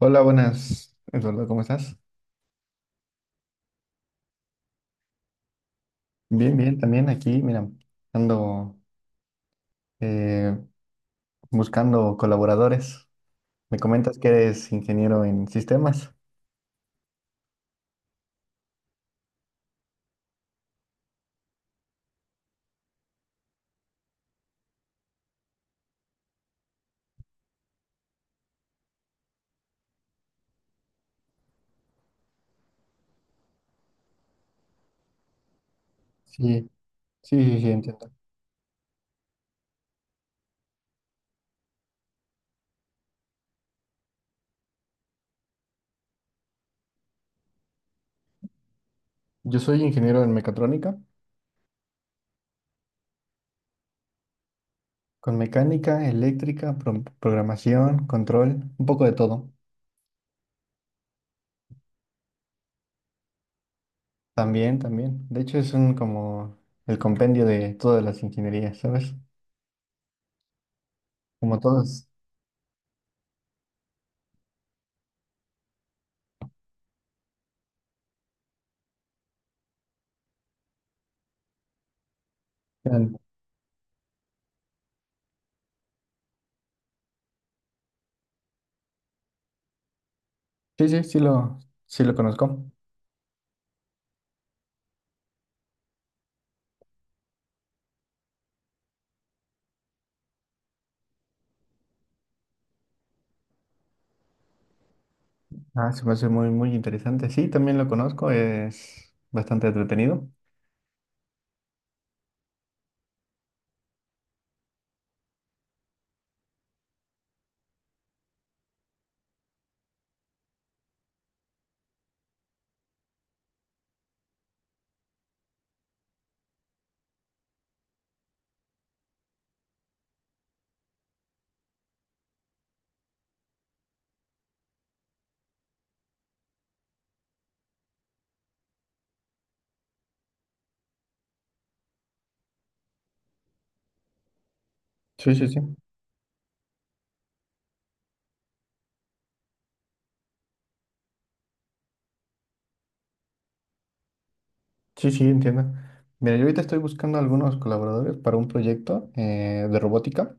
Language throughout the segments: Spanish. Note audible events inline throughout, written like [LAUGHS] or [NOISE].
Hola, buenas, Eduardo, ¿cómo estás? Bien, bien, también aquí, mira, ando eh, buscando colaboradores. Me comentas que eres ingeniero en sistemas. Sí, sí, sí, sí, entiendo. Yo soy ingeniero en mecatrónica. Con mecánica, eléctrica, programación, control, un poco de todo. También, también. De hecho, es un como el compendio de todas las ingenierías, ¿sabes? Como todos. Sí, sí, sí lo, sí lo conozco. Ah, se me hace muy, muy interesante. Sí, también lo conozco, es bastante entretenido. Sí, sí, sí. Sí, sí, entiendo. Mira, yo ahorita estoy buscando algunos colaboradores para un proyecto de robótica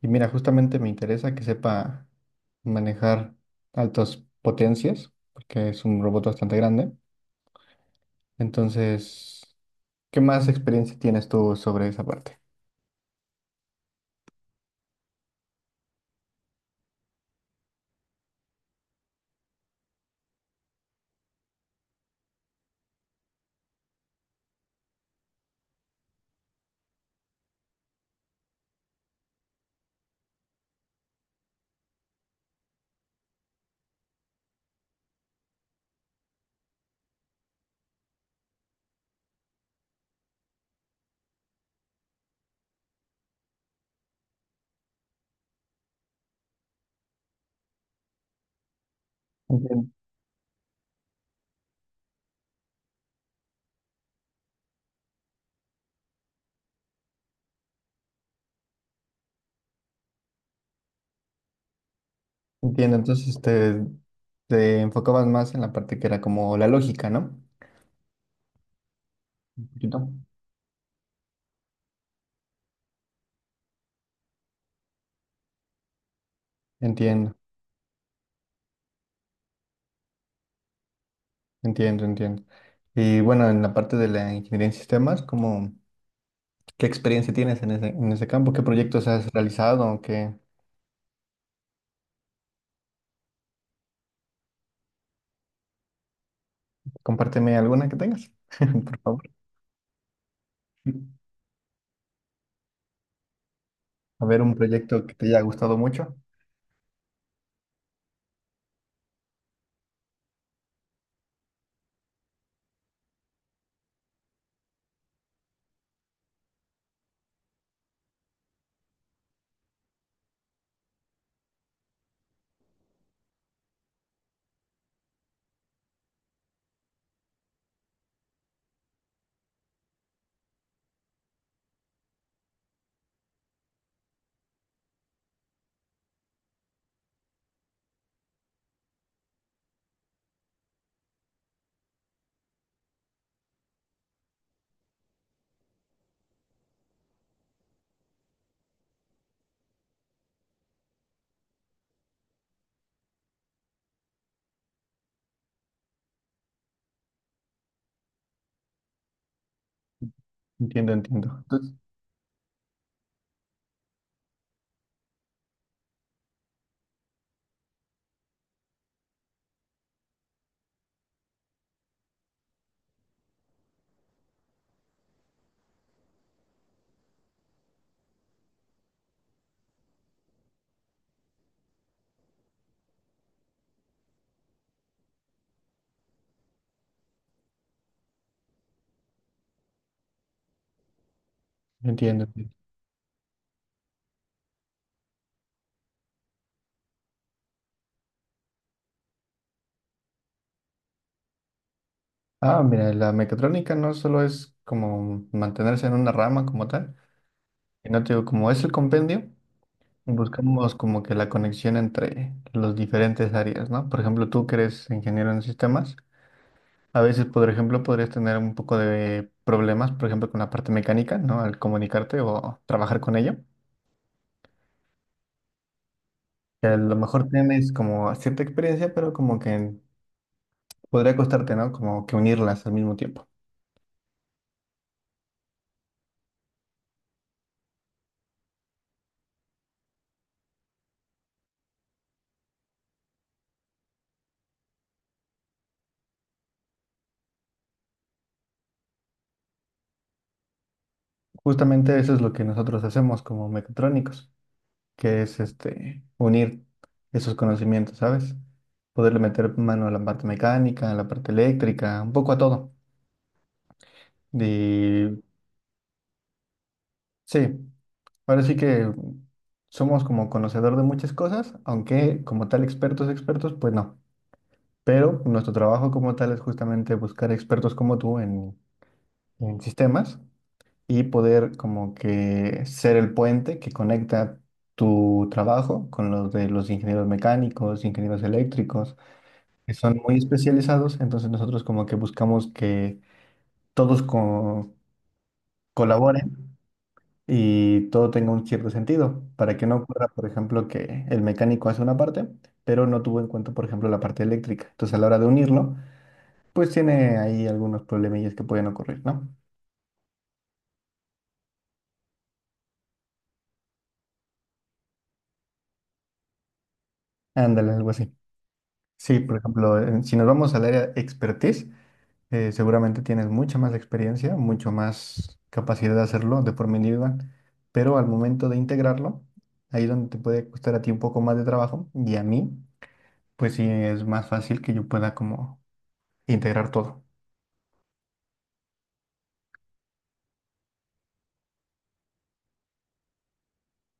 y mira, justamente me interesa que sepa manejar altas potencias, porque es un robot bastante grande. Entonces, ¿qué más experiencia tienes tú sobre esa parte? Entiendo. Entiendo, te enfocabas más en la parte que era como la lógica, ¿no? Un poquito. Entiendo. Entiendo, entiendo. Y bueno, en la parte de la ingeniería en sistemas, ¿qué experiencia tienes en ese campo? ¿Qué proyectos has realizado? Compárteme alguna que tengas, [LAUGHS] por favor. A ver, un proyecto que te haya gustado mucho. Entiendo, entiendo. Entonces, entiendo. Entiendo. Ah, mira, la mecatrónica no solo es como mantenerse en una rama como tal, sino te digo, como es el compendio, buscamos como que la conexión entre los diferentes áreas, ¿no? Por ejemplo, tú que eres ingeniero en sistemas. A veces, por ejemplo, podrías tener un poco de problemas, por ejemplo, con la parte mecánica, ¿no? Al comunicarte o trabajar con ella. Que a lo mejor tienes como cierta experiencia, pero como que podría costarte, ¿no? Como que unirlas al mismo tiempo. Justamente eso es lo que nosotros hacemos como mecatrónicos, que es este, unir esos conocimientos, ¿sabes? Poderle meter mano a la parte mecánica, a la parte eléctrica, un poco a todo. Y sí. Ahora sí que somos como conocedor de muchas cosas, aunque como tal expertos, expertos, pues no. Pero nuestro trabajo como tal es justamente buscar expertos como tú en sistemas y poder como que ser el puente que conecta tu trabajo con los de los ingenieros mecánicos, ingenieros eléctricos, que son muy especializados. Entonces nosotros como que buscamos que todos co- colaboren y todo tenga un cierto sentido, para que no ocurra, por ejemplo, que el mecánico hace una parte, pero no tuvo en cuenta, por ejemplo, la parte eléctrica. Entonces, a la hora de unirlo, pues tiene ahí algunos problemillas que pueden ocurrir, ¿no? Ándale, algo así. Sí, por ejemplo, si nos vamos al área expertise, seguramente tienes mucha más experiencia, mucho más capacidad de hacerlo de forma individual, pero al momento de integrarlo, ahí donde te puede costar a ti un poco más de trabajo y a mí, pues sí es más fácil que yo pueda como integrar todo.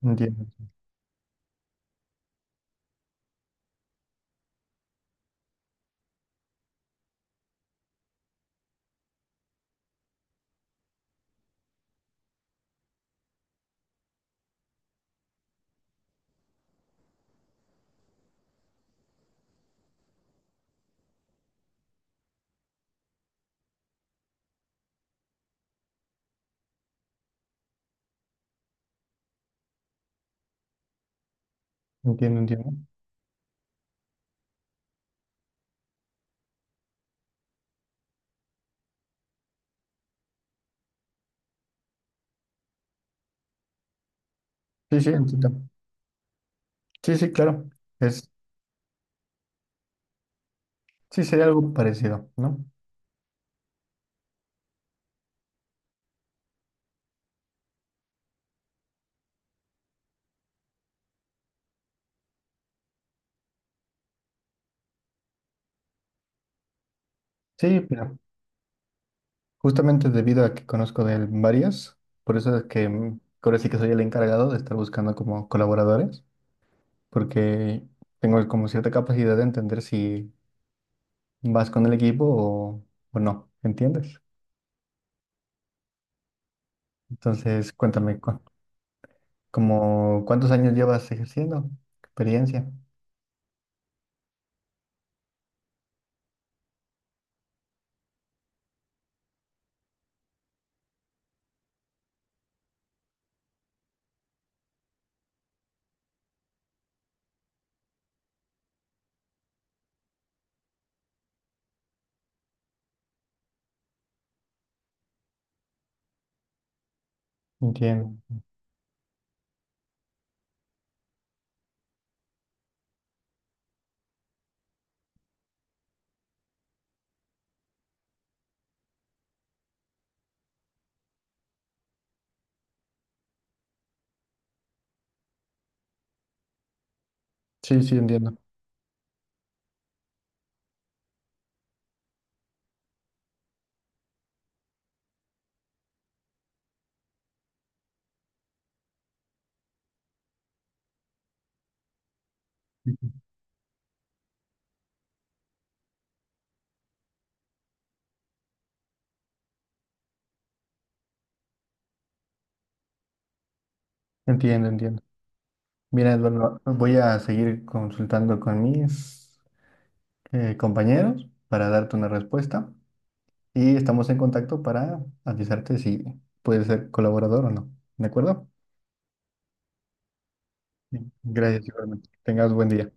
Entiendo, entiendo, entiendo. Sí, sí, entiendo. Sí, sí, claro. Es, sí, sería algo parecido, ¿no? Sí, pero justamente debido a que conozco de él varias, por eso es que ahora sí que soy el encargado de estar buscando como colaboradores, porque tengo como cierta capacidad de entender si vas con el equipo o no, ¿entiendes? Entonces, como, ¿cuántos años llevas ejerciendo? Experiencia. Entiendo. Sí, sí, entiendo. Entiendo, entiendo. Mira, Eduardo, voy a seguir consultando con mis compañeros para darte una respuesta y estamos en contacto para avisarte si puedes ser colaborador o no. ¿De acuerdo? Sí. Gracias, igualmente. Tengas buen día.